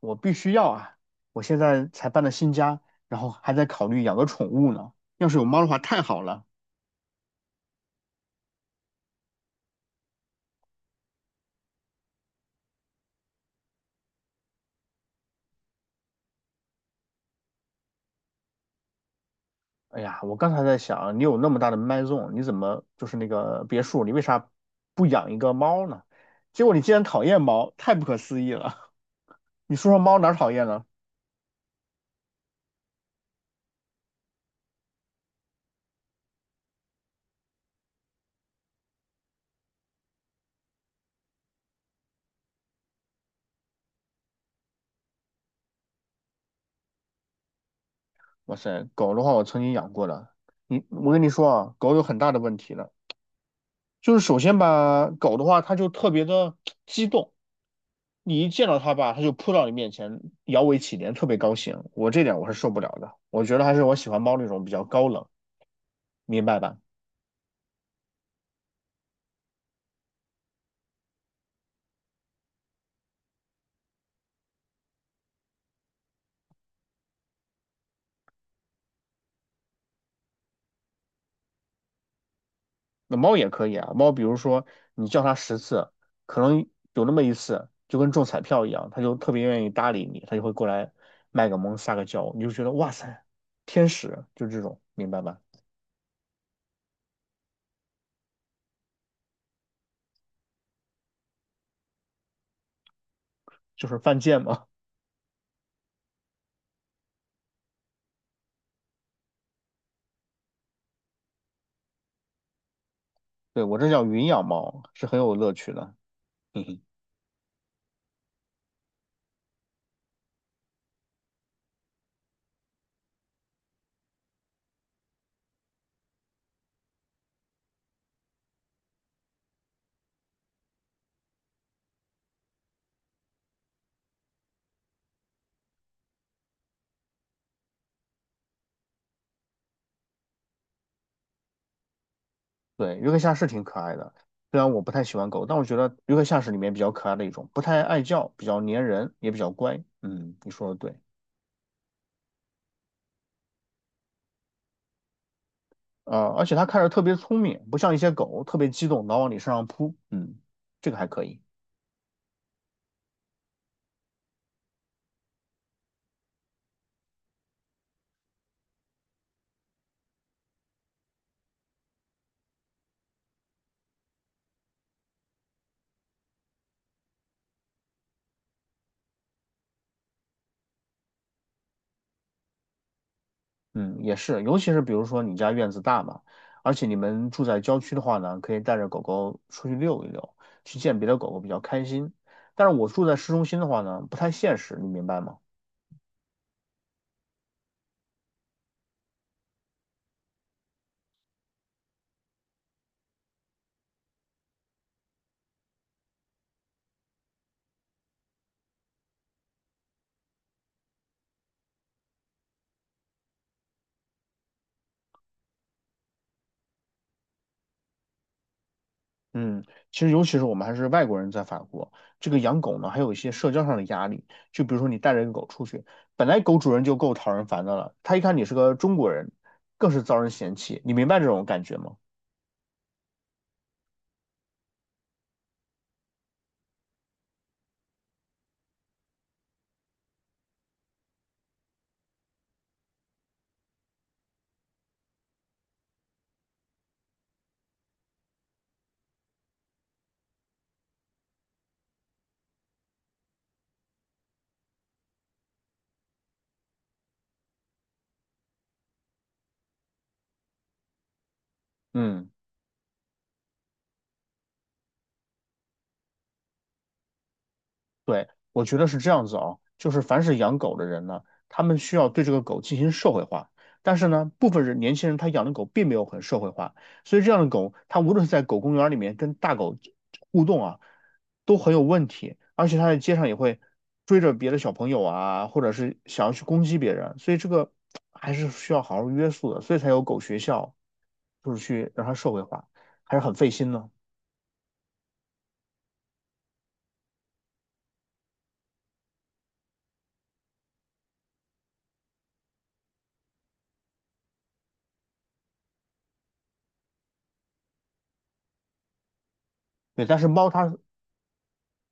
我必须要啊！我现在才搬了新家，然后还在考虑养个宠物呢。要是有猫的话，太好了。哎呀，我刚才在想，你有那么大的麦种，你怎么就是那个别墅，你为啥不养一个猫呢？结果你竟然讨厌猫，太不可思议了！你说说猫哪儿讨厌了？哇塞，狗的话我曾经养过了，我跟你说啊，狗有很大的问题了。就是首先吧，狗的话，它就特别的激动，你一见到它吧，它就扑到你面前，摇尾乞怜，特别高兴。我这点我是受不了的，我觉得还是我喜欢猫那种比较高冷，明白吧？那猫也可以啊，猫比如说你叫它10次，可能有那么一次就跟中彩票一样，它就特别愿意搭理你，它就会过来卖个萌撒个娇，你就觉得哇塞，天使就这种，明白吧？就是犯贱嘛。对，我这叫云养猫，是很有乐趣的。对，约克夏是挺可爱的，虽然我不太喜欢狗，但我觉得约克夏是里面比较可爱的一种，不太爱叫，比较粘人，也比较乖。嗯，你说的对。而且它看着特别聪明，不像一些狗特别激动，老往你身上扑。嗯，这个还可以。嗯，也是，尤其是比如说你家院子大嘛，而且你们住在郊区的话呢，可以带着狗狗出去溜一溜，去见别的狗狗比较开心。但是我住在市中心的话呢，不太现实，你明白吗？嗯，其实尤其是我们还是外国人在法国，这个养狗呢，还有一些社交上的压力。就比如说你带着一个狗出去，本来狗主人就够讨人烦的了，他一看你是个中国人，更是遭人嫌弃。你明白这种感觉吗？嗯。对，我觉得是这样子啊，就是凡是养狗的人呢，他们需要对这个狗进行社会化。但是呢，部分人年轻人他养的狗并没有很社会化，所以这样的狗，它无论是在狗公园里面跟大狗互动啊，都很有问题，而且它在街上也会追着别的小朋友啊，或者是想要去攻击别人，所以这个还是需要好好约束的，所以才有狗学校，就是去让它社会化，还是很费心呢。对，但是猫它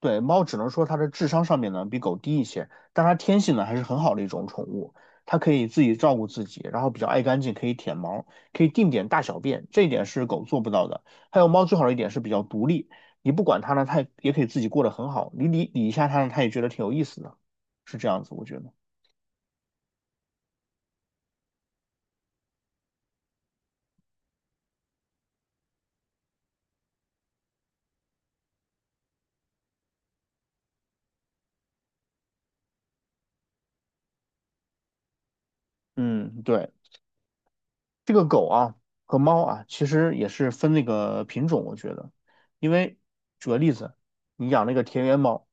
对，猫只能说它的智商上面呢比狗低一些，但它天性呢还是很好的一种宠物，它可以自己照顾自己，然后比较爱干净，可以舔毛，可以定点大小便，这一点是狗做不到的。还有猫最好的一点是比较独立，你不管它呢，它也可以自己过得很好，你理理一下它呢，它也觉得挺有意思的，是这样子，我觉得。嗯，对。这个狗啊和猫啊，其实也是分那个品种，我觉得，因为举个例子，你养那个田园猫，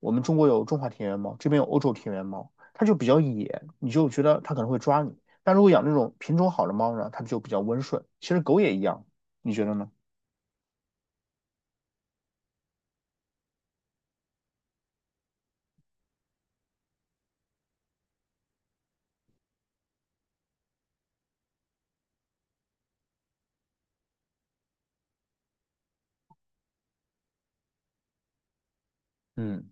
我们中国有中华田园猫，这边有欧洲田园猫，它就比较野，你就觉得它可能会抓你。但如果养那种品种好的猫呢，它就比较温顺。其实狗也一样，你觉得呢？嗯，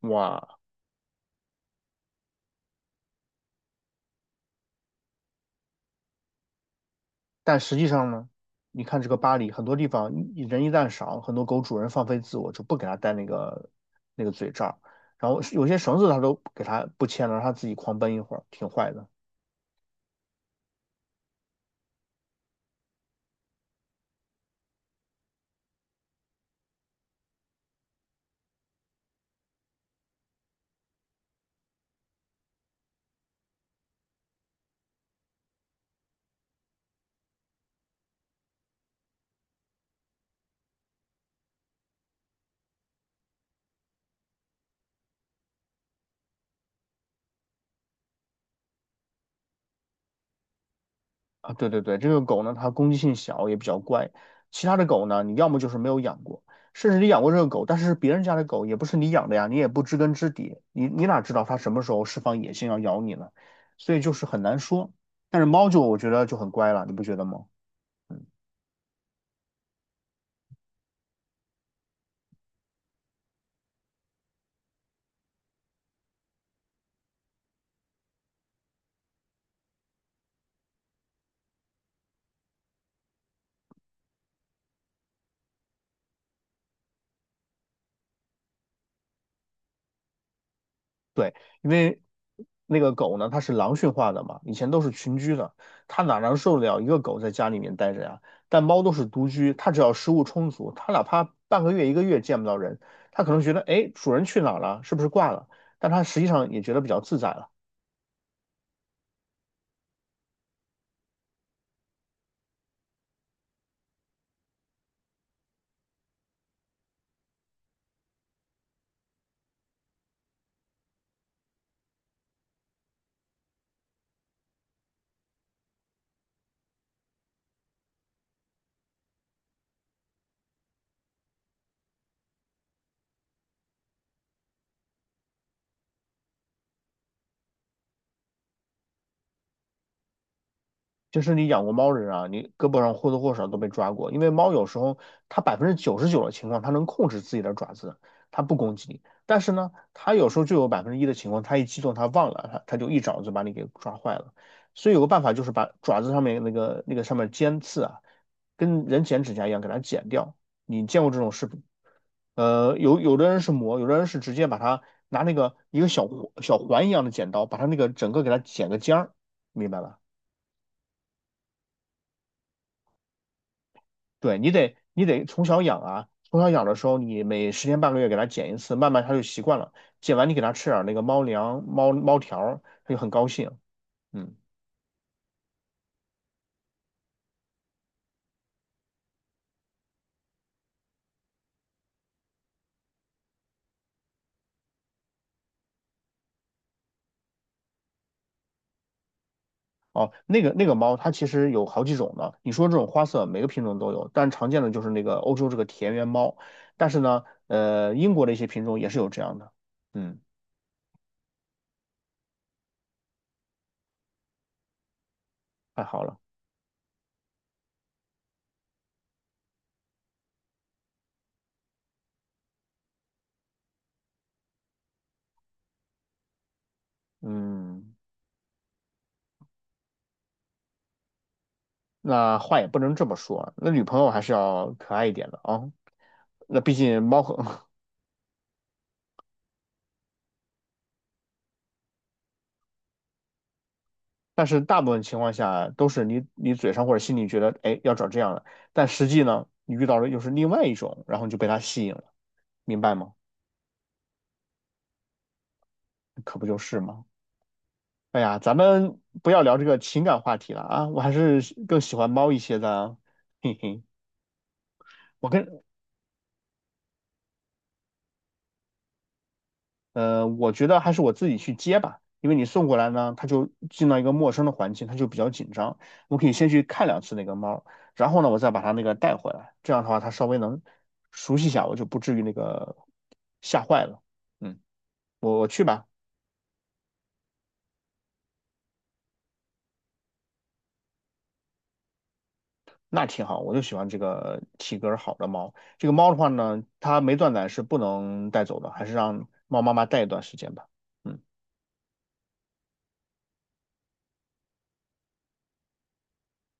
哇，但实际上呢，你看这个巴黎很多地方一人一旦少，很多狗主人放飞自我，就不给它戴那个嘴罩，然后有些绳子它都给它不牵了，让它自己狂奔一会儿，挺坏的啊。对对对，这个狗呢，它攻击性小，也比较乖。其他的狗呢，你要么就是没有养过，甚至你养过这个狗，但是别人家的狗也不是你养的呀，你也不知根知底，你哪知道它什么时候释放野性要咬你呢？所以就是很难说。但是猫就我觉得就很乖了，你不觉得吗？对，因为那个狗呢，它是狼驯化的嘛，以前都是群居的，它哪能受得了一个狗在家里面待着呀？但猫都是独居，它只要食物充足，它哪怕半个月、一个月见不到人，它可能觉得，哎，主人去哪儿了？是不是挂了？但它实际上也觉得比较自在了。就是你养过猫的人啊，你胳膊上或多或少都被抓过，因为猫有时候它99%的情况，它能控制自己的爪子，它不攻击你。但是呢，它有时候就有1%的情况，它一激动，它忘了，它就一爪子把你给抓坏了。所以有个办法就是把爪子上面那个上面尖刺啊，跟人剪指甲一样给它剪掉。你见过这种视频？有的人是磨，有的人是直接把它拿那个一个小环一样的剪刀，把它那个整个给它剪个尖儿，明白吧？对，你得从小养啊，从小养的时候，你每10天半个月给它剪一次，慢慢它就习惯了。剪完你给它吃点儿那个猫粮、猫猫条儿它就很高兴。嗯，哦，那个猫它其实有好几种的，你说这种花色每个品种都有，但常见的就是那个欧洲这个田园猫。但是呢，英国的一些品种也是有这样的。嗯，太好了。嗯，那话也不能这么说啊那女朋友还是要可爱一点的啊。那毕竟猫和 但是大部分情况下都是你嘴上或者心里觉得，哎，要找这样的，但实际呢，你遇到的又是另外一种，然后你就被他吸引了，明白吗？可不就是吗？哎呀，咱们不要聊这个情感话题了啊，我还是更喜欢猫一些的啊嘿嘿。我跟我觉得还是我自己去接吧，因为你送过来呢，它就进到一个陌生的环境，它就比较紧张。我可以先去看2次那个猫，然后呢，我再把它那个带回来，这样的话它稍微能熟悉一下，我就不至于那个吓坏了。嗯，我去吧，那挺好，我就喜欢这个体格儿好的猫。这个猫的话呢，它没断奶是不能带走的，还是让猫妈妈带一段时间吧。嗯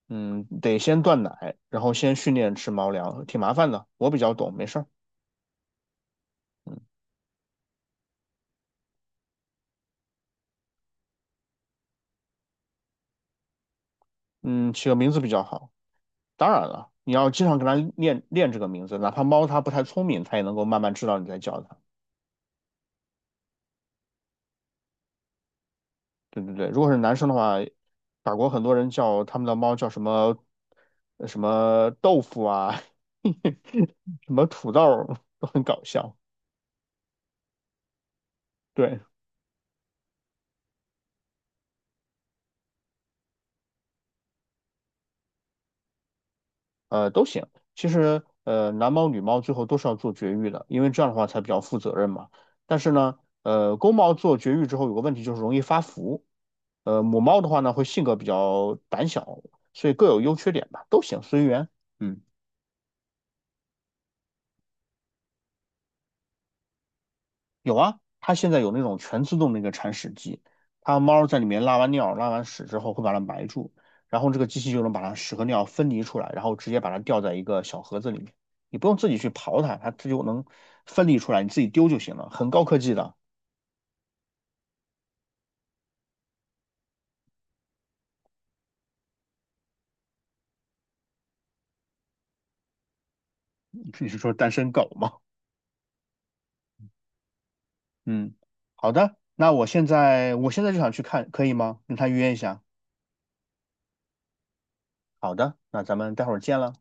嗯，得先断奶，然后先训练吃猫粮，挺麻烦的，我比较懂，没事儿。嗯嗯，起个名字比较好。当然了，你要经常跟它练练这个名字，哪怕猫它不太聪明，它也能够慢慢知道你在叫它。对对对，如果是男生的话，法国很多人叫他们的猫叫什么什么豆腐啊，什么土豆儿都很搞笑。对，都行。其实，男猫女猫最后都是要做绝育的，因为这样的话才比较负责任嘛。但是呢，公猫做绝育之后有个问题就是容易发福，母猫的话呢，会性格比较胆小，所以各有优缺点吧，都行，随缘。嗯，有啊，它现在有那种全自动的一个铲屎机，它猫在里面拉完尿、拉完屎之后，会把它埋住，然后这个机器就能把它屎和尿分离出来，然后直接把它吊在一个小盒子里面，你不用自己去刨它，它就能分离出来，你自己丢就行了，很高科技的。你是说单身狗吗？嗯，好的，那我现在就想去看，可以吗？跟他约一下。好的，那咱们待会儿见了。